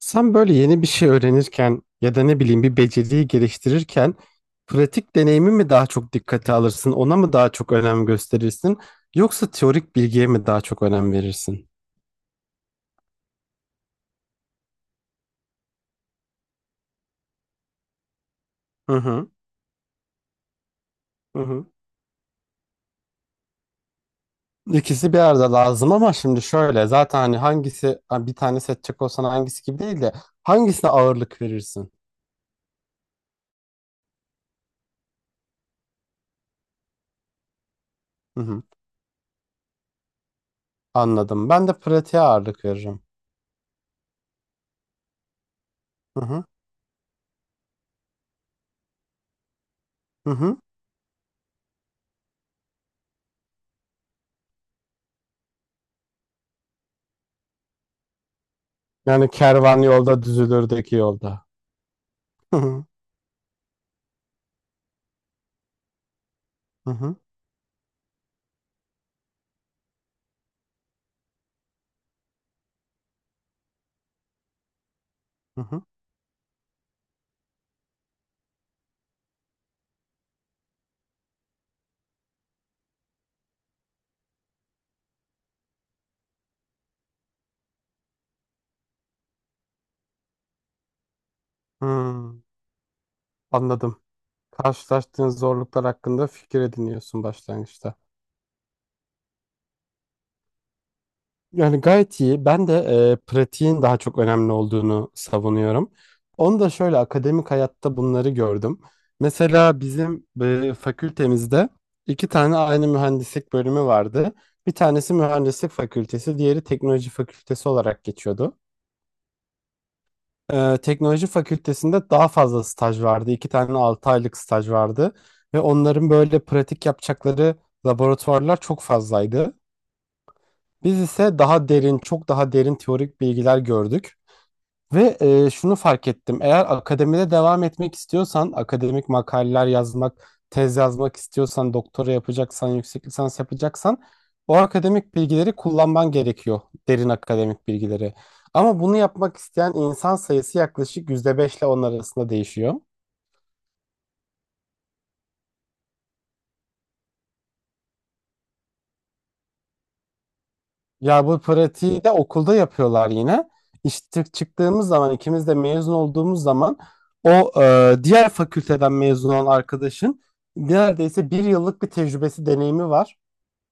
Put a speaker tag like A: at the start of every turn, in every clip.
A: Sen böyle yeni bir şey öğrenirken ya da ne bileyim bir beceriyi geliştirirken pratik deneyimi mi daha çok dikkate alırsın, ona mı daha çok önem gösterirsin, yoksa teorik bilgiye mi daha çok önem verirsin? Hı hı, hı hı. İkisi bir arada lazım ama şimdi şöyle zaten hani hangisi ha, bir tane seçecek olsan hangisi gibi değil de hangisine ağırlık verirsin? Hı hı, anladım. Ben de pratiğe ağırlık veririm. Hı hı, hı hı. Yani kervan yolda düzülürdeki yolda. Hı hı, hı hı, hı hı. Hı. Anladım. Karşılaştığın zorluklar hakkında fikir ediniyorsun başlangıçta. Yani gayet iyi. Ben de pratiğin daha çok önemli olduğunu savunuyorum. Onu da şöyle akademik hayatta bunları gördüm. Mesela bizim fakültemizde iki tane aynı mühendislik bölümü vardı. Bir tanesi mühendislik fakültesi, diğeri teknoloji fakültesi olarak geçiyordu. Teknoloji fakültesinde daha fazla staj vardı. İki tane 6 aylık staj vardı. Ve onların böyle pratik yapacakları laboratuvarlar çok fazlaydı. Biz ise daha derin, çok daha derin teorik bilgiler gördük. Ve şunu fark ettim. Eğer akademide devam etmek istiyorsan, akademik makaleler yazmak, tez yazmak istiyorsan, doktora yapacaksan, yüksek lisans yapacaksan o akademik bilgileri kullanman gerekiyor. Derin akademik bilgileri. Ama bunu yapmak isteyen insan sayısı yaklaşık %5 ile 10 arasında değişiyor. Ya bu pratiği de okulda yapıyorlar yine. İşte çıktığımız zaman ikimiz de mezun olduğumuz zaman o diğer fakülteden mezun olan arkadaşın neredeyse bir yıllık bir tecrübesi deneyimi var.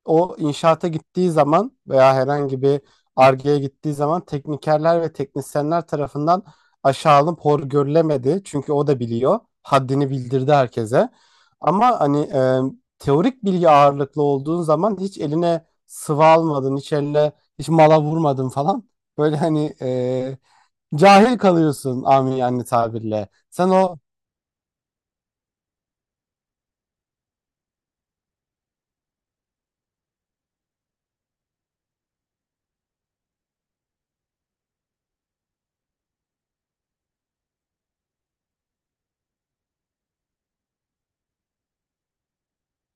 A: O inşaata gittiği zaman veya herhangi bir Ar-Ge'ye gittiği zaman teknikerler ve teknisyenler tarafından aşağı alınıp hor görülemedi. Çünkü o da biliyor. Haddini bildirdi herkese. Ama hani teorik bilgi ağırlıklı olduğun zaman hiç eline sıvı almadın, hiç mala vurmadın falan. Böyle hani cahil kalıyorsun amin yani tabirle. Sen o.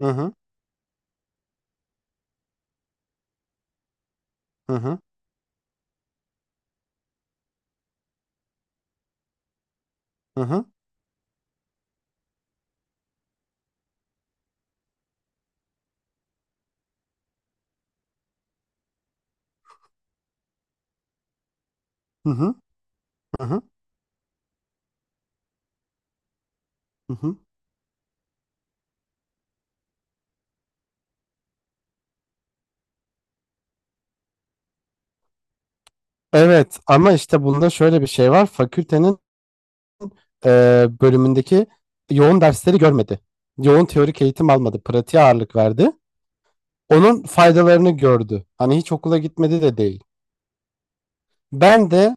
A: Hı hı, hı hı, hı hı, hı hı, hı. Hı, evet ama işte bunda şöyle bir şey var. Fakültenin bölümündeki yoğun dersleri görmedi. Yoğun teorik eğitim almadı. Pratiğe ağırlık verdi. Onun faydalarını gördü. Hani hiç okula gitmedi de değil. Ben de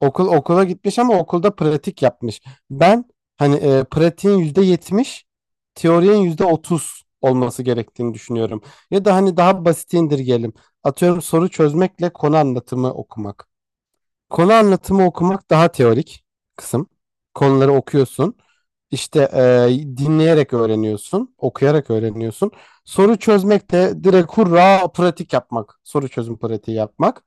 A: okula gitmiş ama okulda pratik yapmış. Ben hani pratiğin %70, teorinin %30 olması gerektiğini düşünüyorum. Ya da hani daha basit indirgeyelim. Atıyorum soru çözmekle konu anlatımı okumak. Konu anlatımı okumak daha teorik kısım. Konuları okuyorsun. İşte dinleyerek öğreniyorsun, okuyarak öğreniyorsun. Soru çözmek de direkt hurra pratik yapmak. Soru çözüm pratiği yapmak.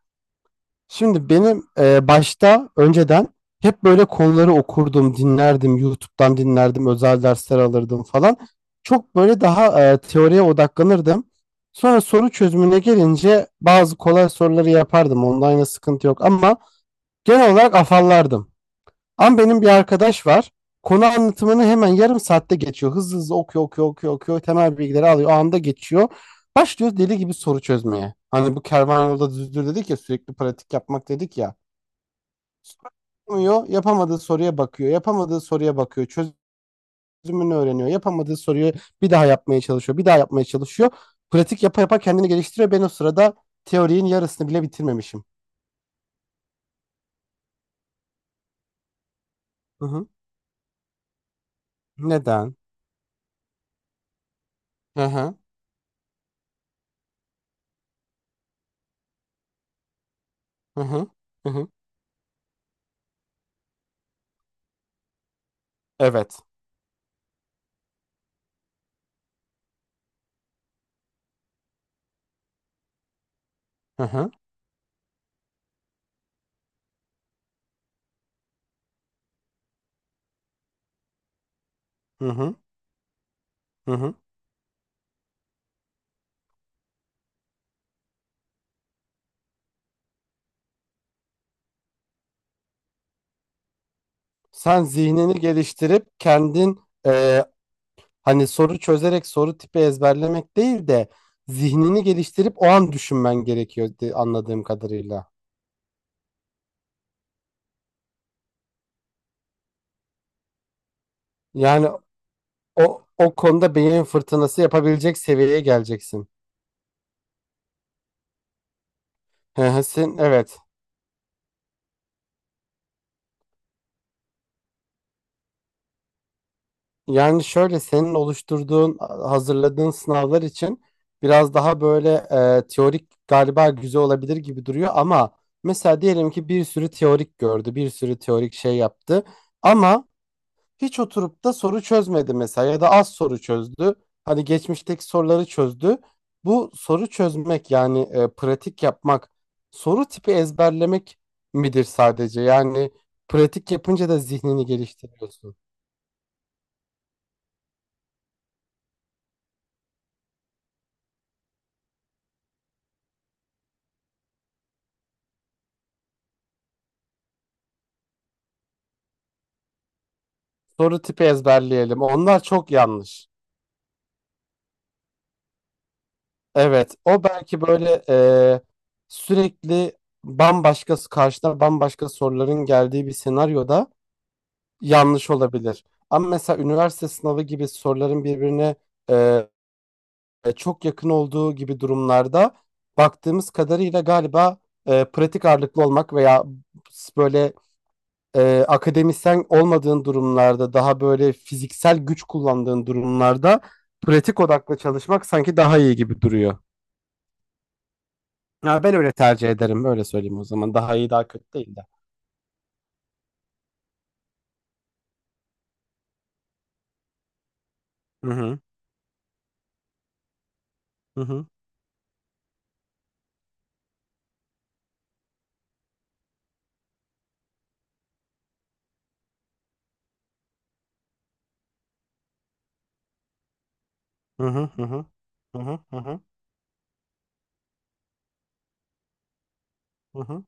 A: Şimdi benim başta önceden hep böyle konuları okurdum, dinlerdim, YouTube'dan dinlerdim, özel dersler alırdım falan. Çok böyle daha teoriye odaklanırdım. Sonra soru çözümüne gelince bazı kolay soruları yapardım. Online'a sıkıntı yok ama genel olarak afallardım. Ama benim bir arkadaş var. Konu anlatımını hemen yarım saatte geçiyor. Hızlı hızlı okuyor, okuyor, okuyor, okuyor. Temel bilgileri alıyor. O anda geçiyor. Başlıyor deli gibi soru çözmeye. Hani bu kervan yolda düzdür dedik ya sürekli pratik yapmak dedik ya. Yapamıyor, yapamadığı soruya bakıyor. Yapamadığı soruya bakıyor. Çözümünü öğreniyor. Yapamadığı soruyu bir daha yapmaya çalışıyor. Bir daha yapmaya çalışıyor. Pratik yapa yapa kendini geliştiriyor. Ben o sırada teorinin yarısını bile bitirmemişim. Hı hı. Neden? Hı hı. Hı hı. Hı hı. Evet. Hı hı, hı hı, hı hı. Sen zihnini geliştirip kendin e, hani soru çözerek soru tipi ezberlemek değil de zihnini geliştirip o an düşünmen gerekiyor anladığım kadarıyla. Yani o konuda beyin fırtınası yapabilecek seviyeye geleceksin. Hı hı, sen evet. Yani şöyle senin oluşturduğun, hazırladığın sınavlar için biraz daha böyle teorik galiba güzel olabilir gibi duruyor ama mesela diyelim ki bir sürü teorik gördü, bir sürü teorik şey yaptı ama hiç oturup da soru çözmedi mesela ya da az soru çözdü. Hani geçmişteki soruları çözdü. Bu soru çözmek yani pratik yapmak, soru tipi ezberlemek midir sadece? Yani pratik yapınca da zihnini geliştiriyorsun. Soru tipi ezberleyelim. Onlar çok yanlış. Evet, o belki böyle sürekli bambaşka karşına bambaşka soruların geldiği bir senaryoda yanlış olabilir. Ama mesela üniversite sınavı gibi soruların birbirine e, çok yakın olduğu gibi durumlarda baktığımız kadarıyla galiba pratik ağırlıklı olmak veya böyle akademisyen olmadığın durumlarda daha böyle fiziksel güç kullandığın durumlarda pratik odaklı çalışmak sanki daha iyi gibi duruyor. Ya ben öyle tercih ederim. Öyle söyleyeyim o zaman. Daha iyi daha kötü değil de. Hı hı. Hı hı. Hı hı. Hı hı. Hı hı. Hı hı. Hı hı.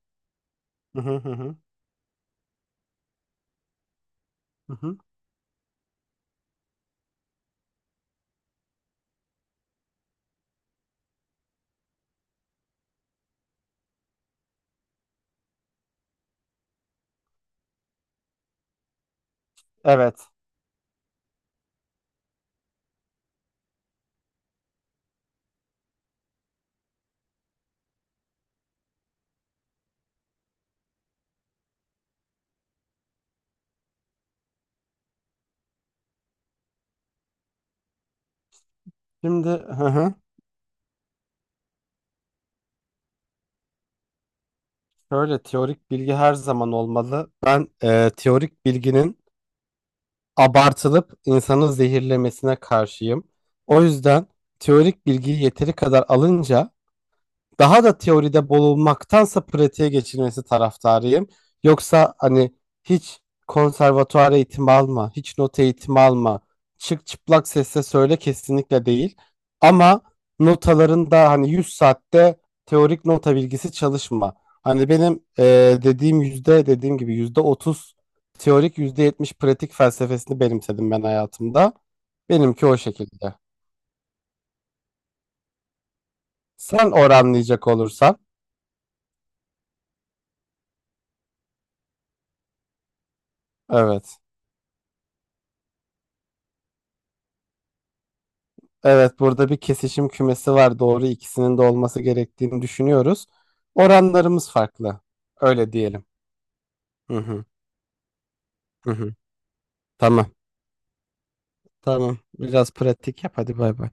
A: Hı hı. Hı hı. Evet. Şimdi hı hı. Şöyle teorik bilgi her zaman olmalı. Ben teorik bilginin abartılıp insanı zehirlemesine karşıyım. O yüzden teorik bilgiyi yeteri kadar alınca daha da teoride bulunmaktansa pratiğe geçilmesi taraftarıyım. Yoksa hani hiç konservatuar eğitimi alma, hiç not eğitimi alma, çık çıplak sesle söyle kesinlikle değil. Ama notaların da hani 100 saatte teorik nota bilgisi çalışma. Hani benim dediğim gibi %30 teorik %70 pratik felsefesini benimsedim ben hayatımda. Benimki o şekilde. Sen oranlayacak olursan evet. Evet, burada bir kesişim kümesi var. Doğru ikisinin de olması gerektiğini düşünüyoruz. Oranlarımız farklı. Öyle diyelim. Hı hı, hı hı. Tamam. Tamam. Biraz pratik yap. Hadi bay bay.